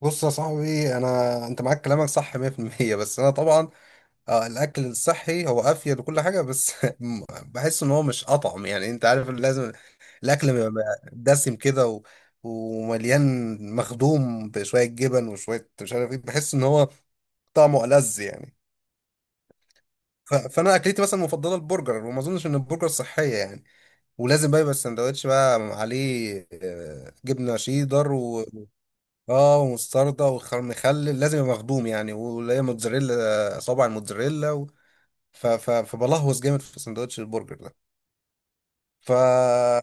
بص يا صاحبي انا معاك كلامك صح 100%. بس انا طبعا الاكل الصحي هو افيد وكل حاجه بس بحس ان هو مش اطعم، يعني انت عارف اللي لازم الاكل بيبقى دسم كده ومليان مخدوم بشويه جبن وشويه مش عارف ايه، بحس ان هو طعمه ألذ يعني. فانا اكلتي مثلا المفضله البرجر، وما اظنش ان البرجر صحيه يعني. ولازم بقى يبقى السندوتش بقى عليه جبنه شيدر، اه ومستردة ومخلل، لازم يبقى مخدوم يعني، واللي هي موتزاريلا صابع الموتزاريلا، فبلهوس جامد في سندوتش البرجر ده. ف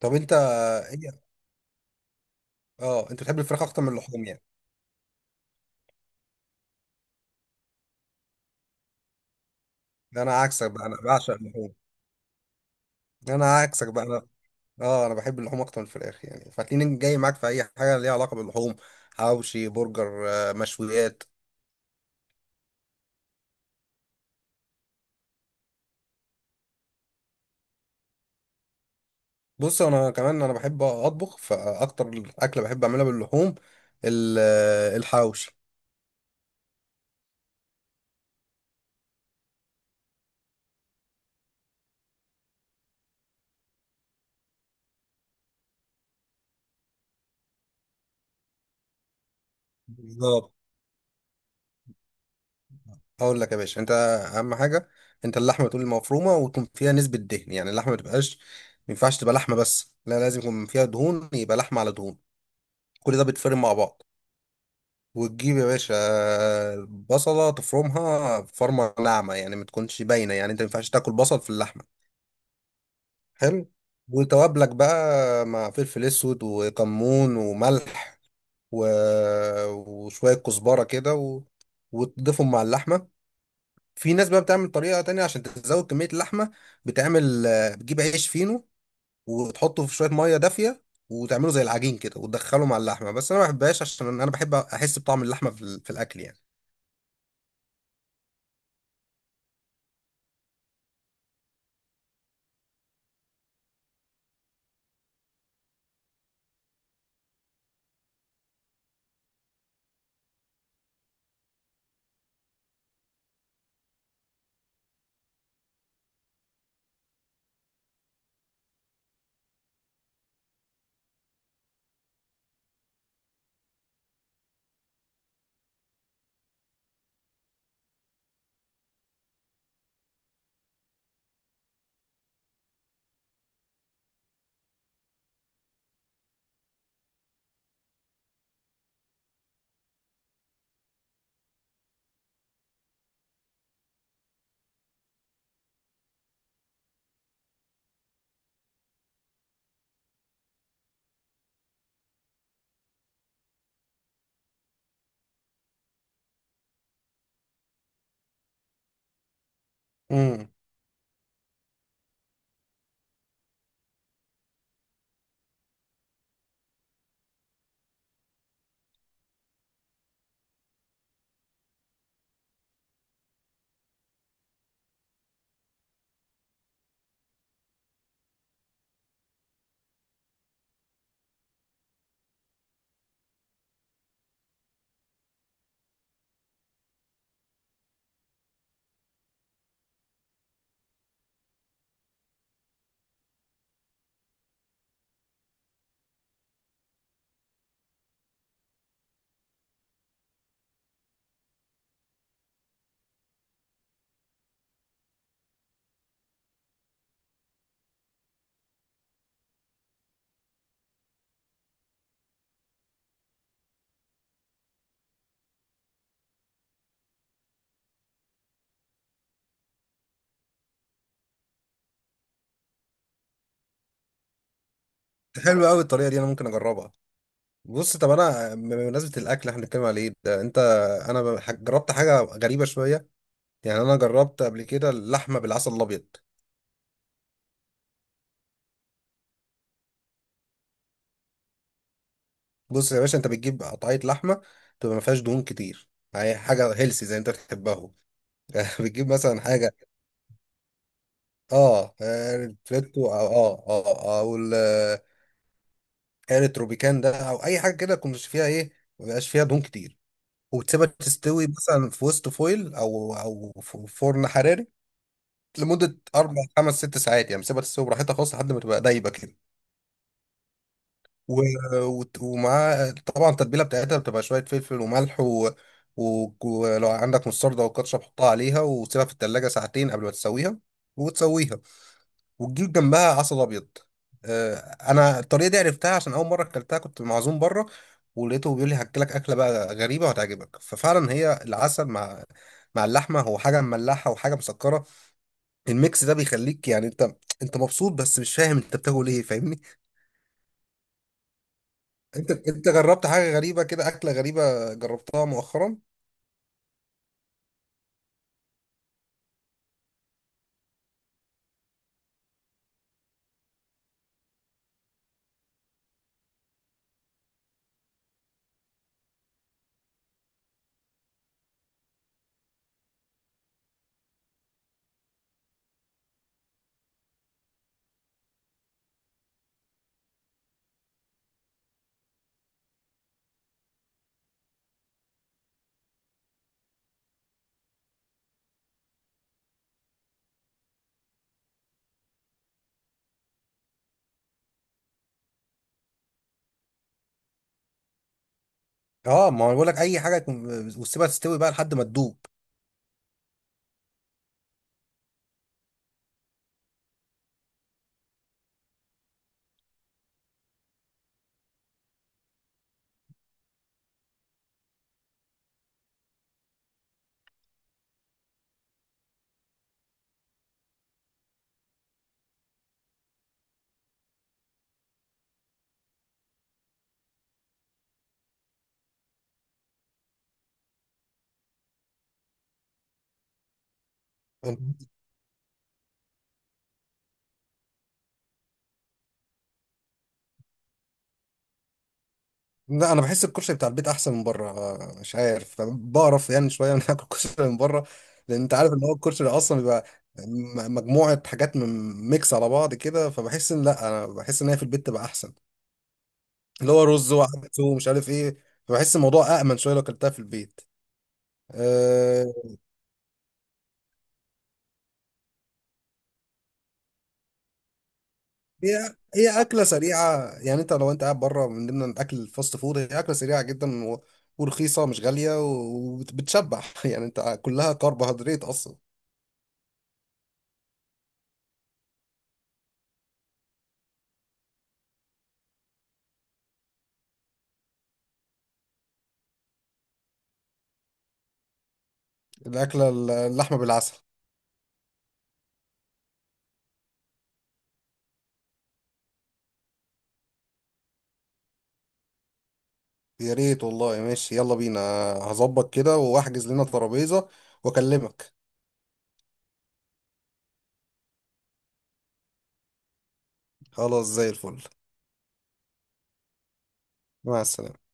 طب انت ايه؟ اه انت بتحب الفراخ اكتر من اللحوم يعني؟ ده انا عكسك بقى، انا بعشق اللحوم. انا عكسك بقى انا، اه انا بحب اللحوم اكتر من الفراخ يعني، فهتلاقيني جاي معاك في اي حاجه ليها علاقه باللحوم: حواوشي، برجر، مشويات. بص انا كمان انا بحب اطبخ، فاكتر اكله بحب اعملها باللحوم الحواوشي. بالظبط، هقول لك يا باشا انت. اهم حاجه انت اللحمه تكون مفرومه ويكون فيها نسبه دهن، يعني اللحمه ما ينفعش تبقى لحمه بس، لا لازم يكون فيها دهون، يبقى لحمه على دهون. كل ده بيتفرم مع بعض. وتجيب يا باشا البصله تفرمها فرمه ناعمه، يعني ما تكونش باينه، يعني انت ما ينفعش تاكل بصل في اللحمه. حلو. وتوابلك بقى مع فلفل اسود وكمون وملح و... وشويه كزبره كده، وتضيفهم مع اللحمه. في ناس بقى بتعمل طريقة تانية عشان تزود كمية اللحمة، بتعمل بتجيب عيش فينو وتحطه في شوية مية دافية وتعمله زي العجين كده وتدخله مع اللحمة، بس أنا ما بحبهاش عشان أنا بحب أحس بطعم اللحمة في الأكل يعني. امم حلوة أوي الطريقة دي، أنا ممكن أجربها. بص، طب أنا بمناسبة الأكل إحنا بنتكلم عليه ده أنت، أنا جربت حاجة غريبة شوية، يعني أنا جربت قبل كده اللحمة بالعسل الأبيض. بص يا باشا، أنت بتجيب قطعية لحمة تبقى ما فيهاش دهون كتير، يعني حاجة هيلسي زي أنت بتحبها. بتجيب مثلا حاجة، اه ريتريتو او او الريتروبيكان ده او اي حاجه كده كنت فيها ايه، ما بيبقاش فيها دهون كتير. وتسيبها تستوي مثلا في وسط فويل او فرن حراري لمده اربع خمس ست ساعات، يعني سيبها تستوي براحتها خالص لحد ما تبقى دايبه كده. و- ومعاها طبعا التتبيله بتاعتها، بتبقى شويه فلفل وملح ولو عندك مستردة او كاتشب حطها عليها وسيبها في التلاجة ساعتين قبل ما تسويها. وتسويها وتجيب جنبها عسل ابيض. آه، انا الطريقه دي عرفتها عشان اول مره اكلتها كنت معزوم بره، ولقيته بيقول لي هاكلك اكله بقى غريبه وهتعجبك. ففعلا هي العسل مع اللحمه، هو حاجه مملحه وحاجه مسكره، الميكس ده بيخليك يعني انت مبسوط بس مش فاهم انت بتاكل ايه، فاهمني؟ انت جربت حاجه غريبه كده، اكله غريبه جربتها مؤخرا؟ اه ما هو بقول لك اي وتسيبها تستوي بقى لحد ما تدوب. لا انا بحس الكشري بتاع البيت احسن من بره، مش عارف، بعرف يعني شويه ان اكل كشري من بره، لان انت عارف ان هو الكشري اصلا بيبقى مجموعه حاجات، من ميكس على بعض كده، فبحس ان، لا انا بحس ان هي في البيت تبقى احسن، اللي هو رز وعدس ومش عارف ايه، فبحس الموضوع امن شويه لو اكلتها في البيت. أه هي هي اكله سريعه، يعني انت لو انت قاعد بره من ضمن الاكل الفاست فود هي اكله سريعه جدا ورخيصه مش غاليه وبتشبع، يعني انت كلها كربوهيدرات اصلا. الأكلة اللحمة بالعسل. يا ريت والله، ماشي يلا بينا، هظبط كده وأحجز لنا ترابيزة وأكلمك. خلاص زي الفل. مع السلامة.